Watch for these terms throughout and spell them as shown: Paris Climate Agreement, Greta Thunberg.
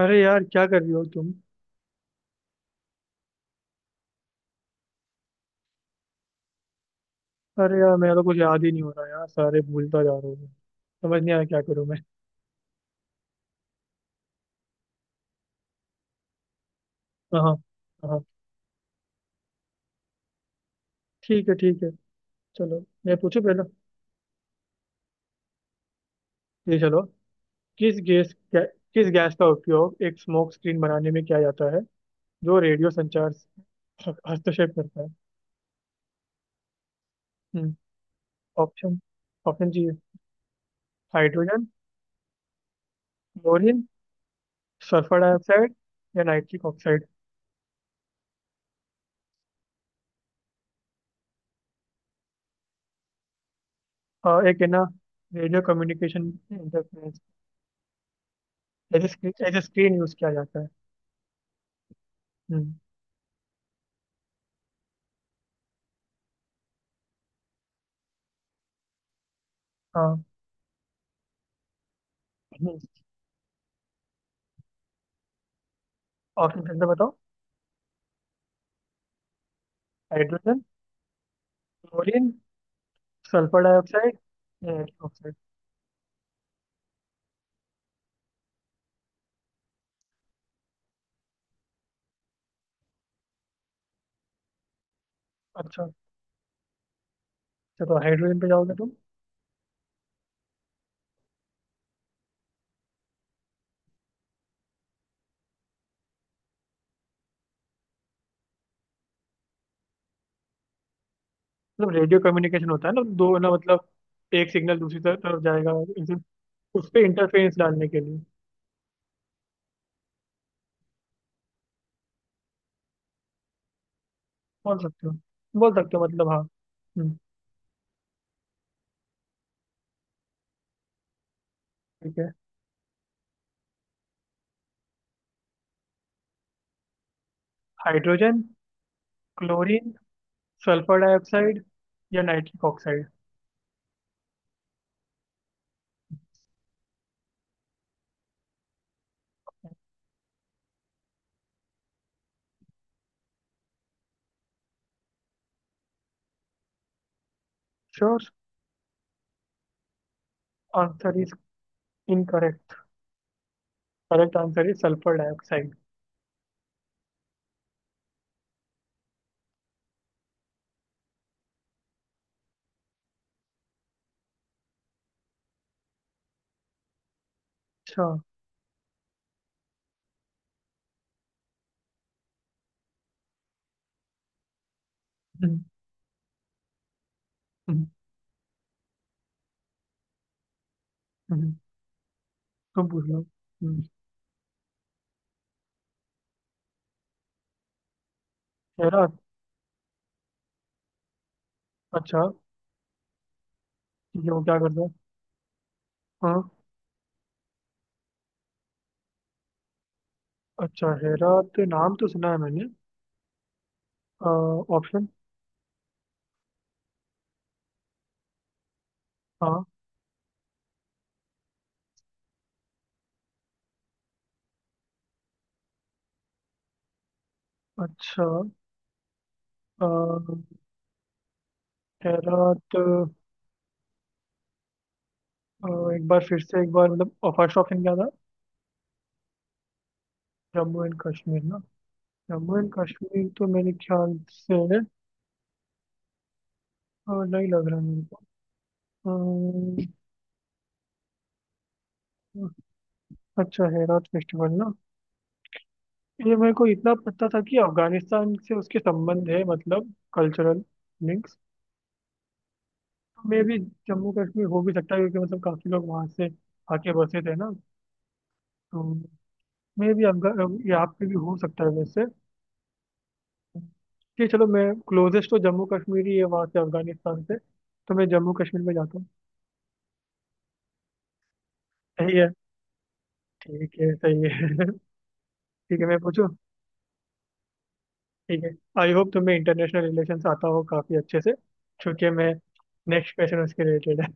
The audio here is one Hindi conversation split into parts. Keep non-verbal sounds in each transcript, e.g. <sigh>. अरे यार क्या कर रही हो तुम। अरे यार मेरा तो कुछ याद ही नहीं हो रहा यार, सारे भूलता जा रहा हूँ मैं। समझ नहीं आ रहा क्या करूँ मैं। हाँ हाँ हाँ, ठीक है ठीक है। चलो मैं पूछूं पहला। ये चलो। किस गैस गै, किस गैस का उपयोग एक स्मोक स्क्रीन बनाने में किया जाता है जो रेडियो संचार से हस्तक्षेप करता है? हम्म। ऑप्शन ऑप्शन जी। हाइड्रोजन, क्लोरीन, सल्फर डाइऑक्साइड या नाइट्रिक ऑक्साइड। एक है ना, radio communication interference as a screen use किया जाता है। हम्म। हाँ, ऑप्शन फिर से बताओ। हाइड्रोजन, क्लोरीन, सल्फर डाइऑक्साइड या रेडियो ऑक्साइड। अच्छा। अच्छा, तो हाइड्रोजन पे जाओगे तुम? मतलब रेडियो कम्युनिकेशन होता है ना, दो ना मतलब एक सिग्नल दूसरी तरफ जाएगा। इसे- उस पे इंटरफेरेंस डालने के लिए। बोल सकते हो, बोल सकते हो, मतलब हाँ। हम्म, ठीक है। हाइड्रोजन, क्लोरीन, सल्फर डाइऑक्साइड या nitric oxide. Sure. Answer is incorrect. Correct answer is sulphur dioxide. अच्छा। हम्म, हम्म, हम्म, तुम पूछ लो। हम्म। हेरा? अच्छा। ये वो क्या करता है? हाँ। अच्छा, हेरा तो नाम तो सुना है मैंने। ऑप्शन। हाँ। अच्छा। अ, हेरा तो, एक बार फिर से, एक बार मतलब फर्स्ट ऑप्शन क्या था? जम्मू एंड कश्मीर ना? जम्मू एंड कश्मीर तो मेरे ख्याल से नहीं लग रहा मेरे को। अ, अच्छा, हेरा फेस्टिवल ना? ये मेरे को इतना पता था कि अफगानिस्तान से उसके संबंध है, मतलब कल्चरल लिंक्स मे भी। जम्मू कश्मीर हो भी सकता है, क्योंकि मतलब काफी लोग वहां से आके बसे थे ना। तो मे भी यहाँ पे भी हो सकता है वैसे। ठीक, चलो मैं, क्लोजेस्ट तो जम्मू कश्मीर ही है, वहां से अफगानिस्तान से। तो मैं जम्मू कश्मीर में जाता हूँ। सही है। ठीक है, सही है। <laughs> ठीक है, मैं पूछूँ। ठीक है। आई होप तुम्हें इंटरनेशनल रिलेशन आता हो काफी अच्छे से, क्योंकि मैं, नेक्स्ट क्वेश्चन उसके रिलेटेड है।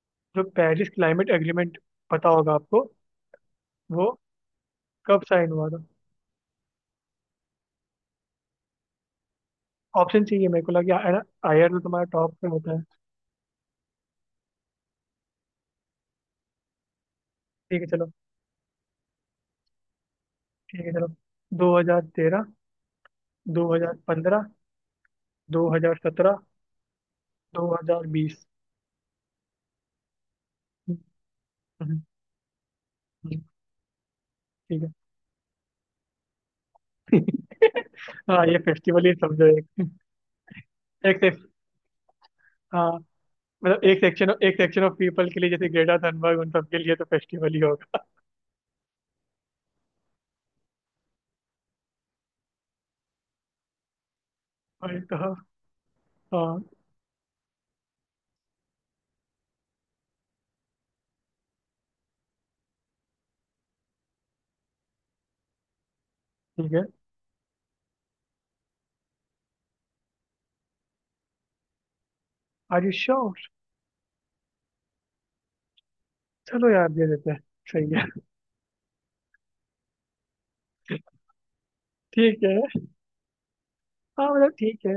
<laughs> जो पेरिस क्लाइमेट एग्रीमेंट, पता होगा आपको, वो कब साइन हुआ था? ऑप्शन चाहिए मेरे को, लगे आयर तो तुम्हारा टॉप पे होता है। ठीक है चलो, ठीक है चलो। 2013, 2015, 2017, 2020। हम्म, हम्म, हम्म, ठीक है। <laughs> हाँ, ये फेस्टिवल ही समझो एक। एक से, हाँ, मतलब एक सेक्शन ऑफ पीपल के लिए, जैसे ग्रेटा थनबर्ग उन सबके लिए तो फेस्टिवल ही होगा। वही तो, हाँ, हाँ, ठीक है। Are you sure? चलो यार, दे देते हैं। सही है। ठीक है। हाँ मतलब ठीक है।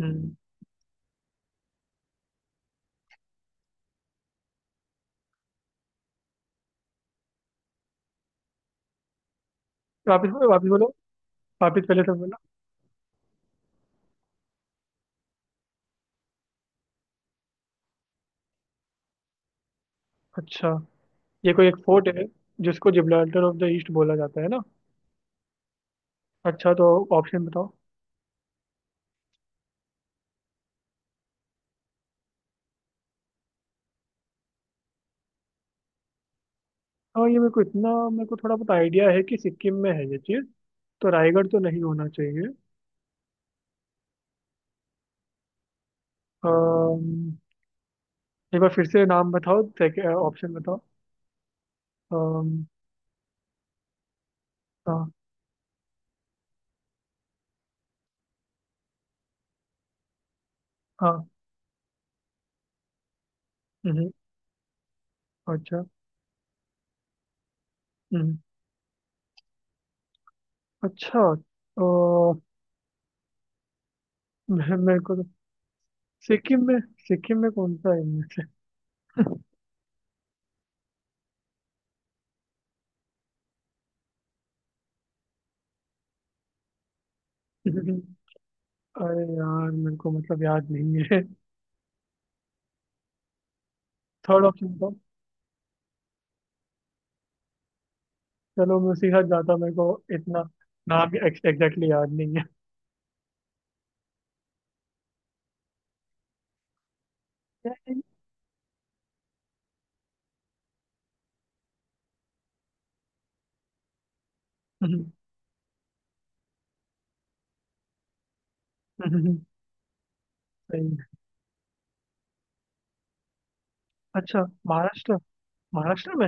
हम्म। वापिस वापिस बोलो, वापिस पहले तो बोला। अच्छा, ये कोई एक फोर्ट है जिसको जिब्राल्टर ऑफ द ईस्ट बोला जाता है ना? अच्छा तो ऑप्शन बताओ। हाँ, ये मेरे को इतना, मेरे को थोड़ा बहुत आइडिया है कि सिक्किम में है ये चीज़, तो रायगढ़ तो नहीं होना चाहिए। अम्म, एक बार फिर से नाम बताओ, सेकंड ऑप्शन बताओ। अम्म, हाँ हाँ। हम्म, अच्छा। हम्म, अच्छा। अ, मेरे को तो, सिक्किम में सिक्किम में कौन सा है इनमें से? <laughs> अरे यार, मेरे को मतलब याद नहीं है। Third option. चलो मैं उसी के साथ जाता, मेरे को इतना नाम एग्जैक्टली याद नहीं है। <laughs> हम्म, हम्म, सही है। अच्छा महाराष्ट्र, महाराष्ट्र में?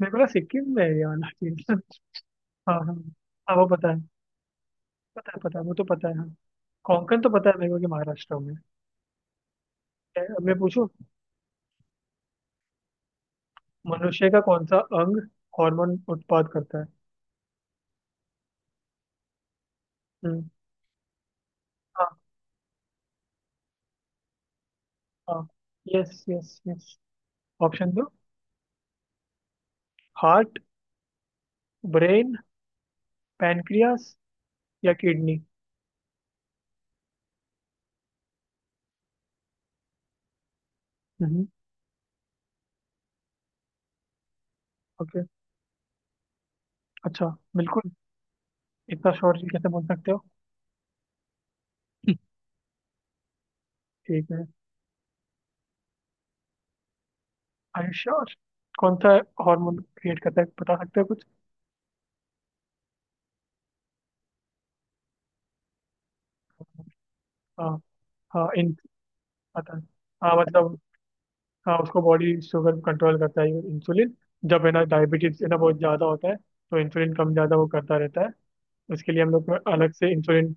मेरे को लगा सिक्किम में है ये वाला चीज। <laughs> हाँ हाँ, हाँ वो पता है। पता है पता है, वो तो पता है, हाँ। कोंकण तो पता है मेरे को कि महाराष्ट्र में है। अब मैं पूछूं। मनुष्य का कौन सा अंग हार्मोन उत्पाद करता है? हम्म, हाँ, हाँ, यस यस यस। ऑप्शन दो। हार्ट, ब्रेन, पैनक्रियास या किडनी। हम्म। ओके, अच्छा बिल्कुल, इतना शोर जी कैसे बोल सकते हो? ठीक है। Are you sure? कौन सा हार्मोन क्रिएट करता है, बता सकते हो कुछ? हाँ, हाँ, इन, पता है। हाँ मतलब, हाँ उसको बॉडी शुगर कंट्रोल करता है इंसुलिन। जब है ना डायबिटीज है ना बहुत ज़्यादा होता है तो इंसुलिन कम ज़्यादा वो करता रहता है। उसके लिए हम लोग को अलग से इंसुलिन,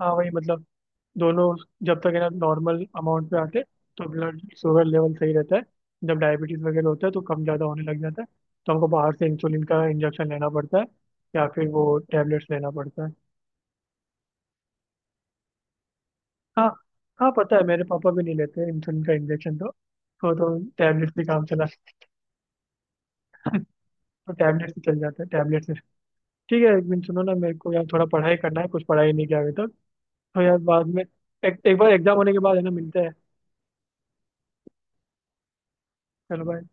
हाँ वही मतलब, दोनों जब तक है ना नॉर्मल अमाउंट पे आते, तो ब्लड शुगर लेवल सही रहता है। जब डायबिटीज वगैरह होता है तो कम ज़्यादा होने लग जाता है, तो हमको बाहर से इंसुलिन का इंजेक्शन लेना पड़ता है, या फिर वो टेबलेट्स लेना पड़ता है। हाँ, हाँ पता है मेरे पापा भी नहीं लेते इंसुलिन का इंजेक्शन, तो टैबलेट से काम चला। तो टैबलेट से चल जाता है, टैबलेट से। ठीक है, एक दिन सुनो ना मेरे को यार, थोड़ा पढ़ाई करना है, कुछ पढ़ाई नहीं किया अभी तक। तो यार बाद में एक बार एग्जाम होने के बाद है ना, मिलते हैं। चलो बाय।